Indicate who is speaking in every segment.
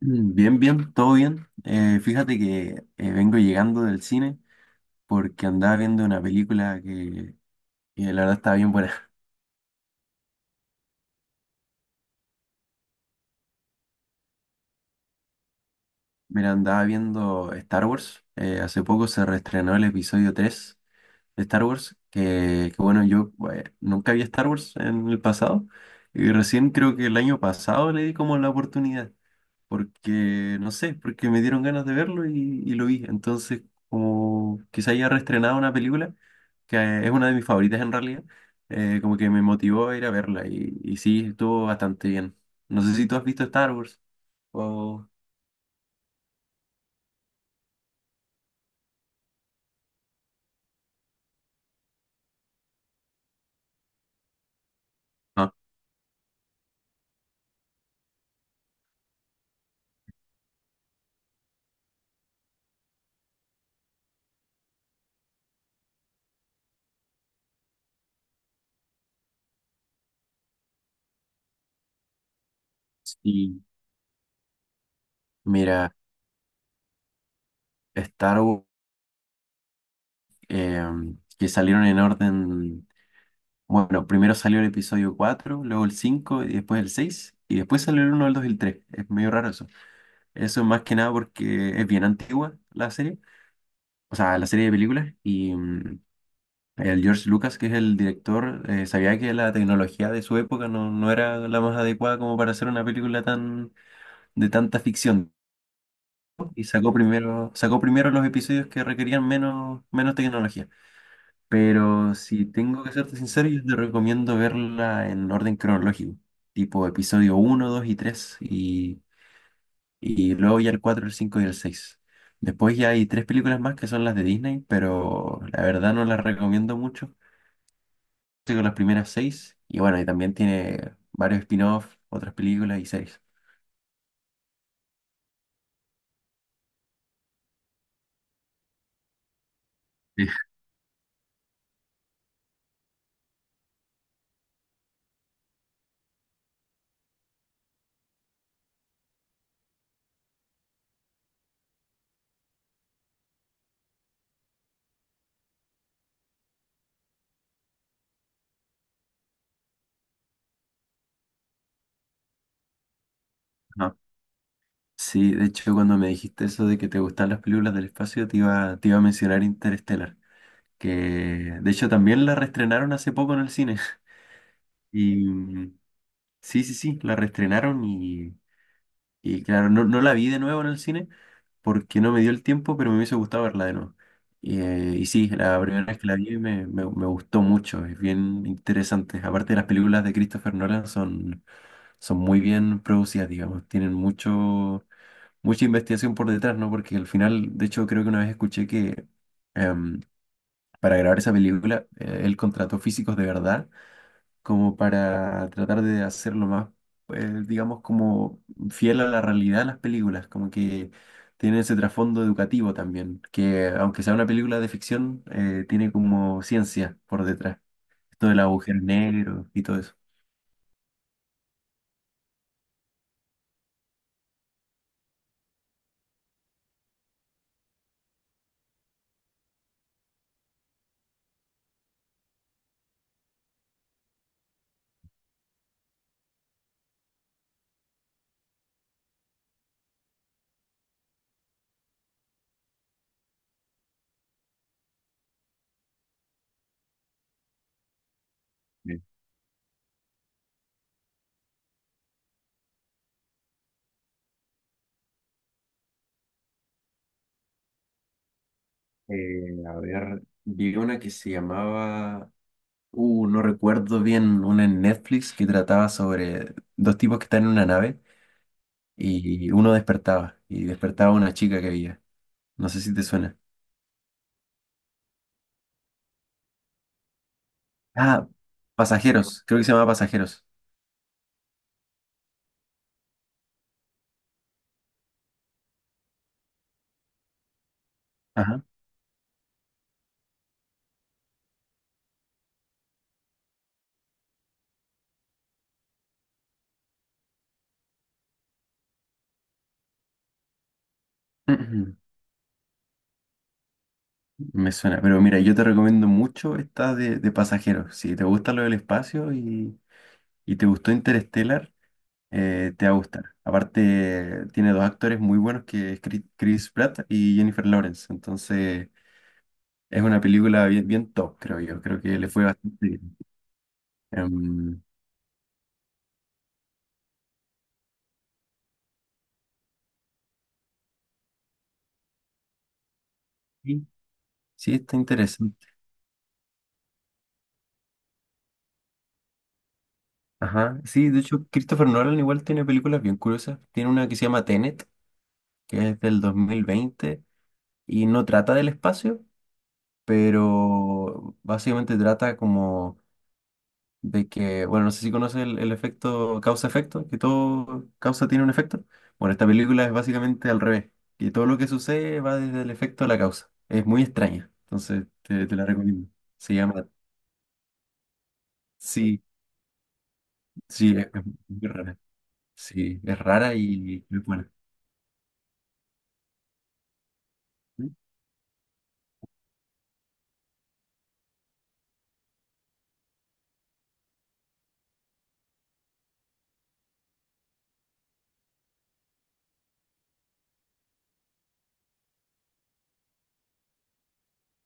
Speaker 1: Bien, bien, todo bien. Fíjate que vengo llegando del cine porque andaba viendo una película que la verdad estaba bien buena. Mira, andaba viendo Star Wars. Hace poco se reestrenó el episodio 3. Star Wars, que bueno, yo nunca vi Star Wars en el pasado y recién creo que el año pasado le di como la oportunidad, porque no sé, porque me dieron ganas de verlo y lo vi. Entonces, como que se haya reestrenado una película, que es una de mis favoritas en realidad, como que me motivó a ir a verla y sí, estuvo bastante bien. No sé si tú has visto Star Wars o no. Sí, mira, Star Wars, que salieron en orden. Bueno, primero salió el episodio 4, luego el 5 y después el 6 y después salió el uno el 2 y el 3. Es medio raro eso. Eso es más que nada porque es bien antigua la serie, o sea, la serie de películas y el George Lucas, que es el director, sabía que la tecnología de su época no era la más adecuada como para hacer una película tan de tanta ficción y sacó primero los episodios que requerían menos tecnología. Pero si tengo que serte sincero, yo te recomiendo verla en orden cronológico, tipo episodio uno 2 y 3 y luego ya el 4 el 5 y el seis. Después ya hay tres películas más que son las de Disney, pero la verdad no las recomiendo mucho. Estoy con las primeras seis, y bueno, y también tiene varios spin-offs, otras películas y series. Sí, ajá. Sí, de hecho, cuando me dijiste eso de que te gustan las películas del espacio, te iba a mencionar Interstellar, que de hecho también la reestrenaron hace poco en el cine. Y sí, sí, sí, la reestrenaron y claro, no la vi de nuevo en el cine porque no me dio el tiempo, pero me hubiese gustado verla de nuevo. Y sí, la primera vez que la vi me gustó mucho, es bien interesante. Aparte, las películas de Christopher Nolan son muy bien producidas, digamos, tienen mucha investigación por detrás, ¿no? Porque al final, de hecho, creo que una vez escuché que em, para grabar esa película él contrató físicos de verdad como para tratar de hacerlo más, pues, digamos, como fiel a la realidad de las películas, como que tiene ese trasfondo educativo también, que aunque sea una película de ficción, tiene como ciencia por detrás, esto del agujero negro y todo eso. Sí. A ver, vi una que se llamaba, no recuerdo bien, una en Netflix que trataba sobre dos tipos que están en una nave y uno despertaba y despertaba una chica que había. No sé si te suena. Ah, Pasajeros, creo que se llama Pasajeros. Ajá. Ujú. Me suena, pero mira, yo te recomiendo mucho esta de Pasajeros. Si te gusta lo del espacio y te gustó Interstellar, te va a gustar. Aparte, tiene dos actores muy buenos que es Chris Pratt y Jennifer Lawrence. Entonces, es una película bien, bien top, creo yo. Creo que le fue bastante bien. Em, sí, sí, está interesante. Ajá. Sí, de hecho, Christopher Nolan igual tiene películas bien curiosas. Tiene una que se llama Tenet, que es del 2020, y no trata del espacio, pero básicamente trata como de que, bueno, no sé si conoces el efecto causa-efecto, que todo causa tiene un efecto. Bueno, esta película es básicamente al revés, que todo lo que sucede va desde el efecto a la causa. Es muy extraña, entonces te la recomiendo. Se llama, sí, sí, es muy rara. Sí, es rara y muy buena.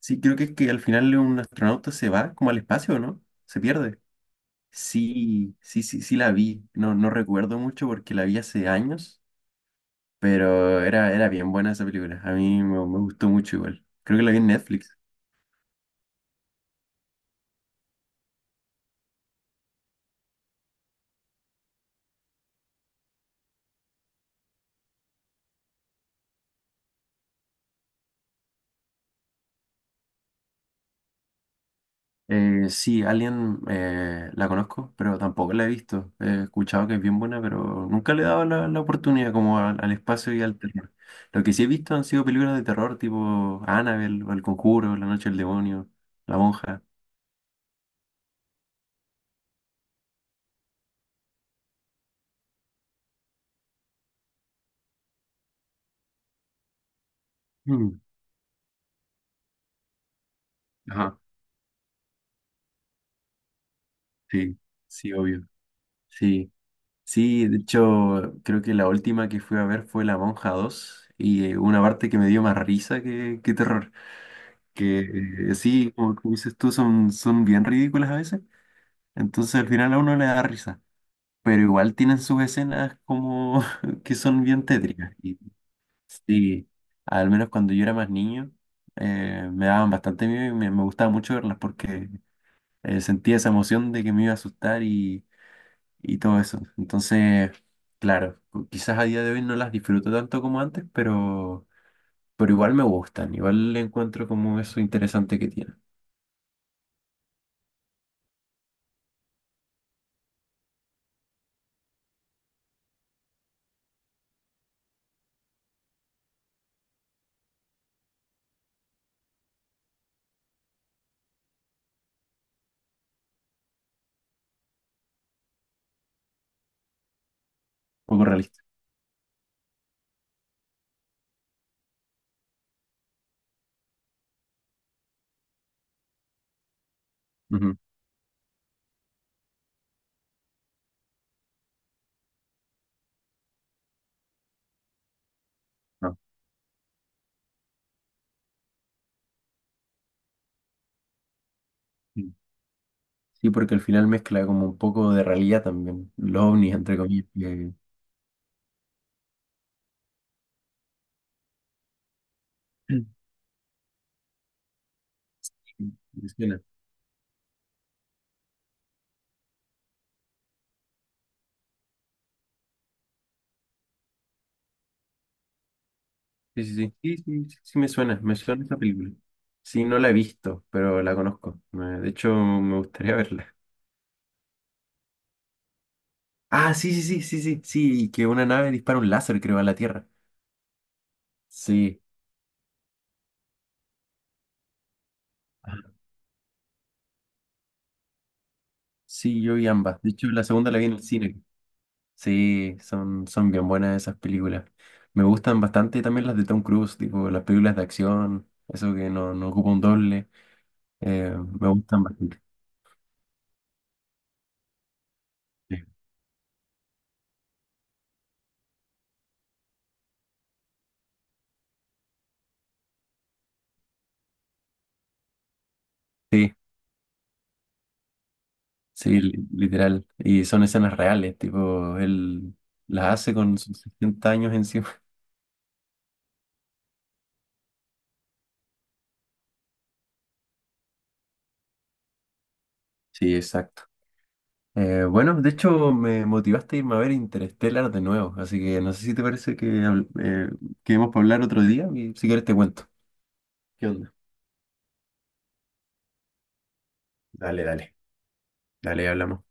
Speaker 1: Sí, creo que es que al final un astronauta se va como al espacio, ¿no? Se pierde. Sí, sí, sí, sí la vi. No, no recuerdo mucho porque la vi hace años, pero era bien buena esa película. A mí me gustó mucho igual. Creo que la vi en Netflix. Sí, Alien, la conozco, pero tampoco la he visto. He escuchado que es bien buena, pero nunca le he dado la oportunidad como al espacio y al terror. Lo que sí he visto han sido películas de terror tipo Annabelle, o El Conjuro, La Noche del Demonio, La Monja. Mm, ajá, sí, sí, obvio. Sí. Sí, de hecho, creo que la última que fui a ver fue La Monja dos, y una parte que me dio más risa que terror. Que sí, como dices tú, son bien ridículas a veces. Entonces al final a uno le da risa. Pero igual tienen sus escenas como que son bien tétricas. Y sí, al menos cuando yo era más niño, me daban bastante miedo y me gustaba mucho verlas porque sentía esa emoción de que me iba a asustar y todo eso. Entonces, claro, quizás a día de hoy no las disfruto tanto como antes, pero igual me gustan, igual le encuentro como eso interesante que tiene, un poco realista. Ujú, no, sí, sí, porque al final mezcla como un poco de realidad también, los ovnis, entre comillas, que que me suena. Sí, sí, sí, sí, sí, sí, sí me suena esta película. Sí, no la he visto, pero la conozco. De hecho, me gustaría verla. Ah, sí, sí, sí, sí, sí, sí, que una nave dispara un láser, creo, a la Tierra. Sí. Sí, yo y ambas. De hecho, la segunda la vi en el cine. Sí, son bien buenas esas películas. Me gustan bastante también las de Tom Cruise, tipo las películas de acción, eso que no ocupa un doble. eh, me gustan bastante. Sí, sí, sí, literal. Y son escenas reales, tipo, él las hace con sus 60 años encima. Sí, exacto. Bueno, de hecho, me motivaste a irme a ver Interstellar de nuevo, así que no sé si te parece que, quedemos para hablar otro día, y si quieres te cuento. ¿Qué onda? Dale, dale, dale, hablamos.